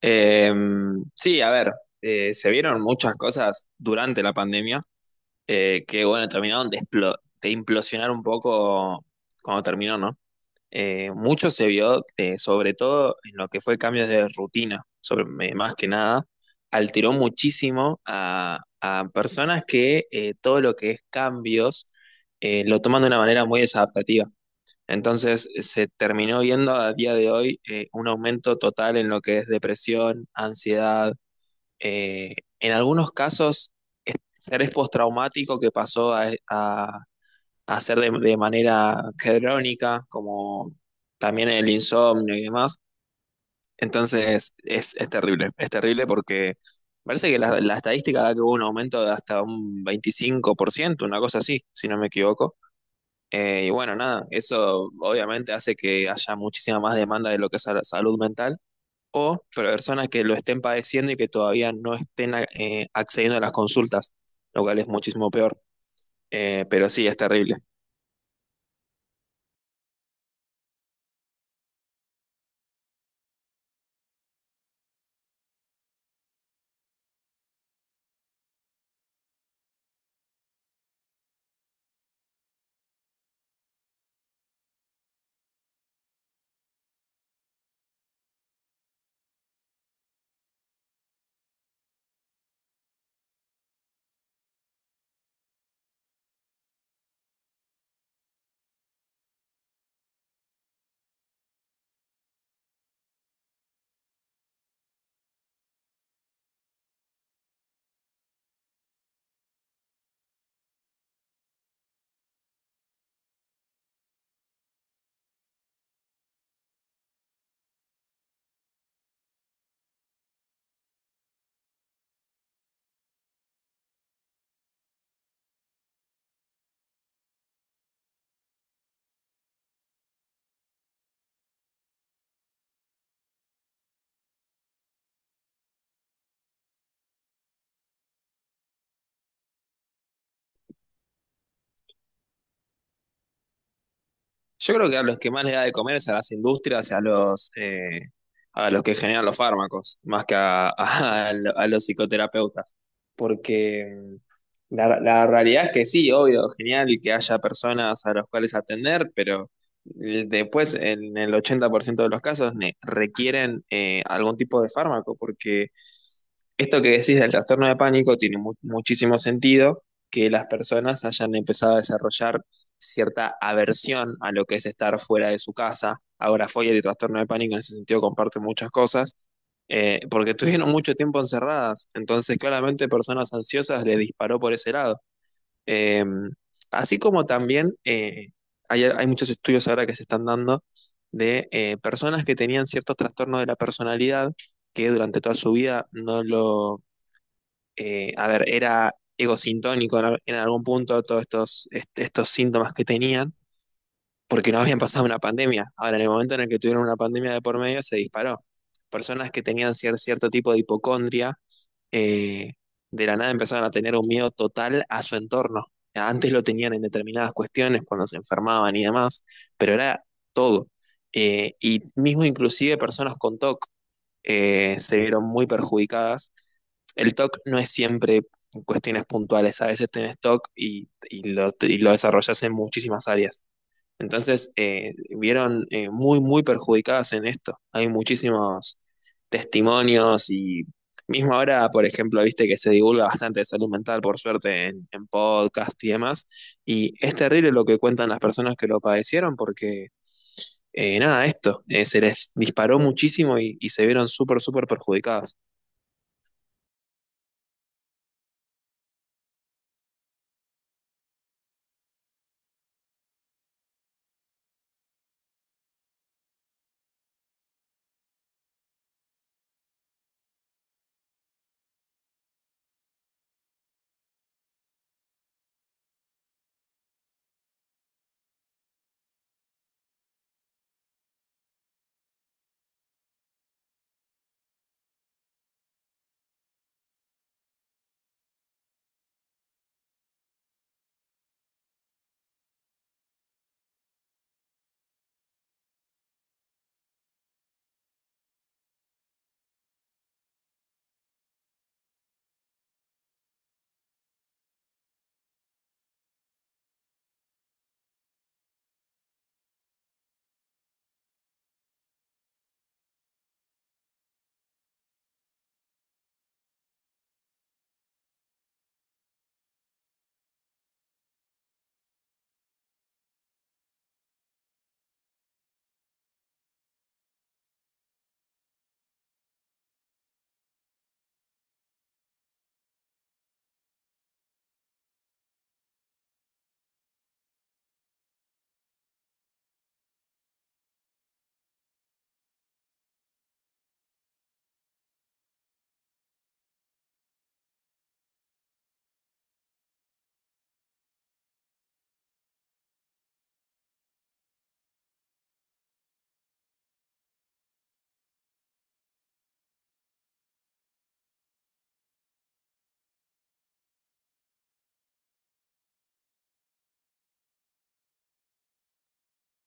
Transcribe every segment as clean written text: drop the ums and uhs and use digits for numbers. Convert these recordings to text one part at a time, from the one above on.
Eh, sí, a ver, se vieron muchas cosas durante la pandemia que, bueno, terminaron de, de implosionar un poco cuando terminó, ¿no? Mucho se vio, sobre todo en lo que fue cambios de rutina, sobre, más que nada, alteró muchísimo a personas que todo lo que es cambios lo toman de una manera muy desadaptativa. Entonces se terminó viendo a día de hoy un aumento total en lo que es depresión, ansiedad, en algunos casos estrés postraumático que pasó a ser de manera crónica, como también el insomnio y demás. Entonces es terrible porque parece que la estadística da que hubo un aumento de hasta un 25%, una cosa así, si no me equivoco. Y bueno, nada, eso obviamente hace que haya muchísima más demanda de lo que es la salud mental o personas que lo estén padeciendo y que todavía no estén accediendo a las consultas, lo cual es muchísimo peor. Pero sí, es terrible. Yo creo que a los que más les da de comer es a las industrias y a los que generan los fármacos, más que a, a los psicoterapeutas. Porque la, la realidad es que sí, obvio, genial que haya personas a las cuales atender, pero después en el 80% de los casos requieren algún tipo de fármaco, porque esto que decís del trastorno de pánico tiene muchísimo sentido que las personas hayan empezado a desarrollar cierta aversión a lo que es estar fuera de su casa. Ahora fobia y trastorno de pánico en ese sentido comparten muchas cosas, porque estuvieron mucho tiempo encerradas. Entonces, claramente, personas ansiosas les disparó por ese lado. Eh, Así como también hay, hay muchos estudios ahora que se están dando de personas que tenían ciertos trastornos de la personalidad que durante toda su vida no lo a ver, era egosintónico en, en algún punto todos estos, estos síntomas que tenían, porque no habían pasado una pandemia. Ahora, en el momento en el que tuvieron una pandemia de por medio, se disparó. Personas que tenían cierto tipo de hipocondria, eh, de la nada empezaron a tener un miedo total a su entorno. Antes lo tenían en determinadas cuestiones, cuando se enfermaban y demás, pero era todo. Y mismo inclusive personas con TOC se vieron muy perjudicadas. El TOC no es siempre cuestiones puntuales, a veces tenés TOC y lo desarrollas en muchísimas áreas. Entonces, vieron muy, muy perjudicadas en esto. Hay muchísimos testimonios y mismo ahora, por ejemplo, viste que se divulga bastante de salud mental, por suerte, en podcast y demás. Y es terrible lo que cuentan las personas que lo padecieron porque, nada, esto, se les disparó muchísimo y se vieron súper, súper perjudicadas.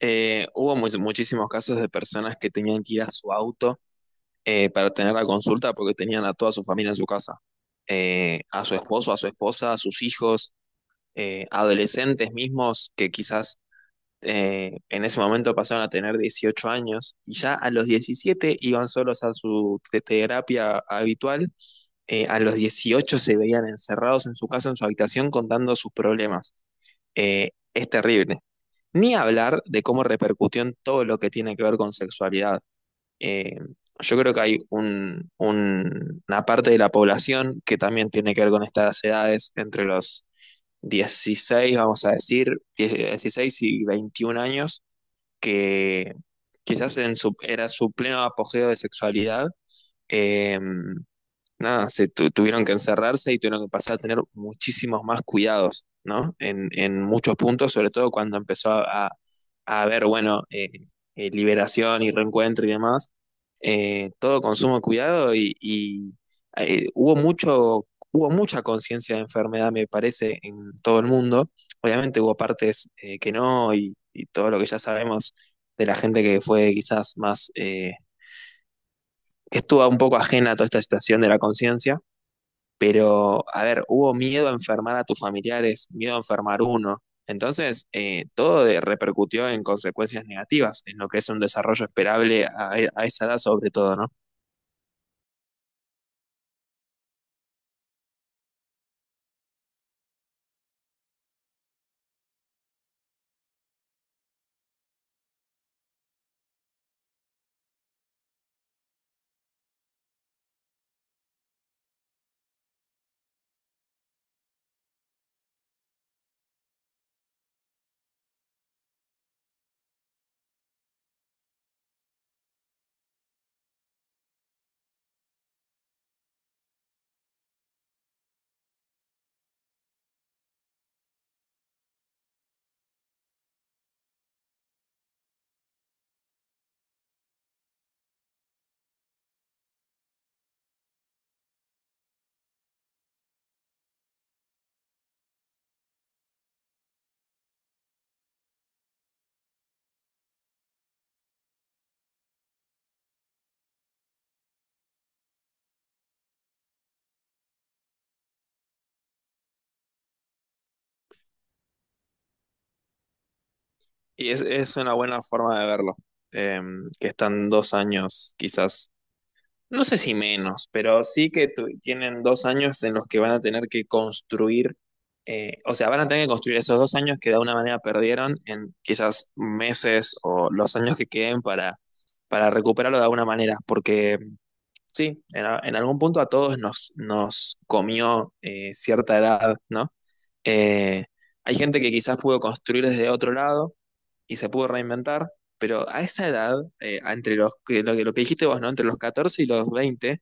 Hubo muchísimos casos de personas que tenían que ir a su auto para tener la consulta porque tenían a toda su familia en su casa. A su esposo, a su esposa, a sus hijos, adolescentes mismos que quizás en ese momento pasaron a tener 18 años y ya a los 17 iban solos a su terapia habitual. A los 18 se veían encerrados en su casa, en su habitación, contando sus problemas. Es terrible. Ni hablar de cómo repercutió en todo lo que tiene que ver con sexualidad. Eh, yo creo que hay una parte de la población que también tiene que ver con estas edades, entre los 16, vamos a decir, 16 y 21 años, que quizás en su, era su pleno apogeo de sexualidad. eh, Nada, se tuvieron que encerrarse y tuvieron que pasar a tener muchísimos más cuidados, ¿no? En muchos puntos, sobre todo cuando empezó a, a haber, bueno, liberación y reencuentro y demás, todo consumo de cuidado y, hubo mucho, hubo mucha conciencia de enfermedad, me parece, en todo el mundo. Obviamente hubo partes que no y, y todo lo que ya sabemos de la gente que fue quizás más, que estuvo un poco ajena a toda esta situación de la conciencia, pero, a ver, hubo miedo a enfermar a tus familiares, miedo a enfermar uno. Entonces, todo repercutió en consecuencias negativas, en lo que es un desarrollo esperable a esa edad sobre todo, ¿no? Y es una buena forma de verlo, eh, que están dos años quizás. No sé si menos, pero sí que tienen dos años en los que van a tener que construir, o sea, van a tener que construir esos dos años que de alguna manera perdieron en quizás meses o los años que queden para recuperarlo de alguna manera, porque sí, en, en algún punto a todos nos, nos comió cierta edad, ¿no? Eh, Hay gente que quizás pudo construir desde otro lado y se pudo reinventar, pero a esa edad, entre los, que- lo que dijiste vos, ¿no? Entre los 14 y los 20,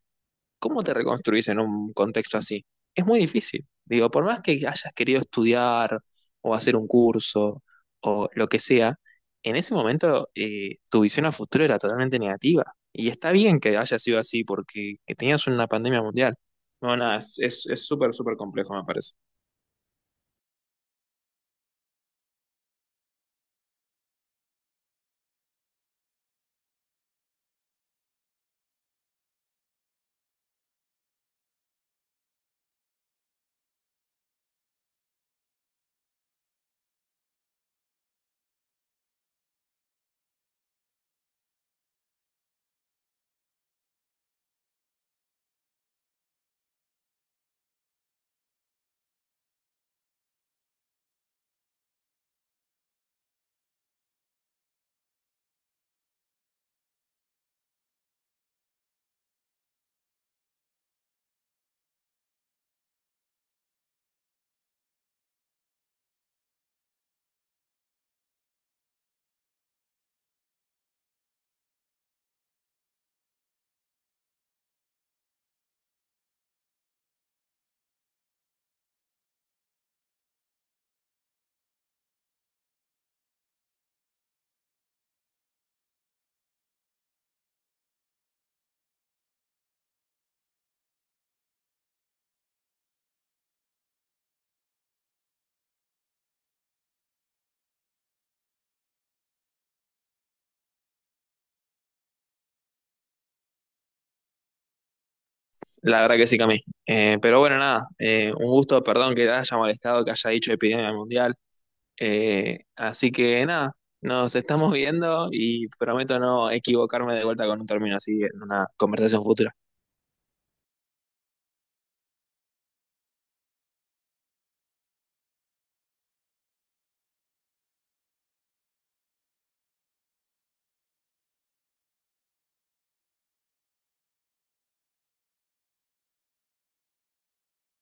¿cómo te reconstruís en un contexto así? Es muy difícil. Digo, por más que hayas querido estudiar o hacer un curso o lo que sea, en ese momento tu visión a futuro era totalmente negativa. Y está bien que haya sido así porque tenías una pandemia mundial. No, nada, es es súper, súper complejo, me parece. La verdad que sí, Cami. Pero bueno, nada, un gusto, perdón que te haya molestado, que haya dicho epidemia mundial. Así que nada, nos estamos viendo y prometo no equivocarme de vuelta con un término así en una conversación futura.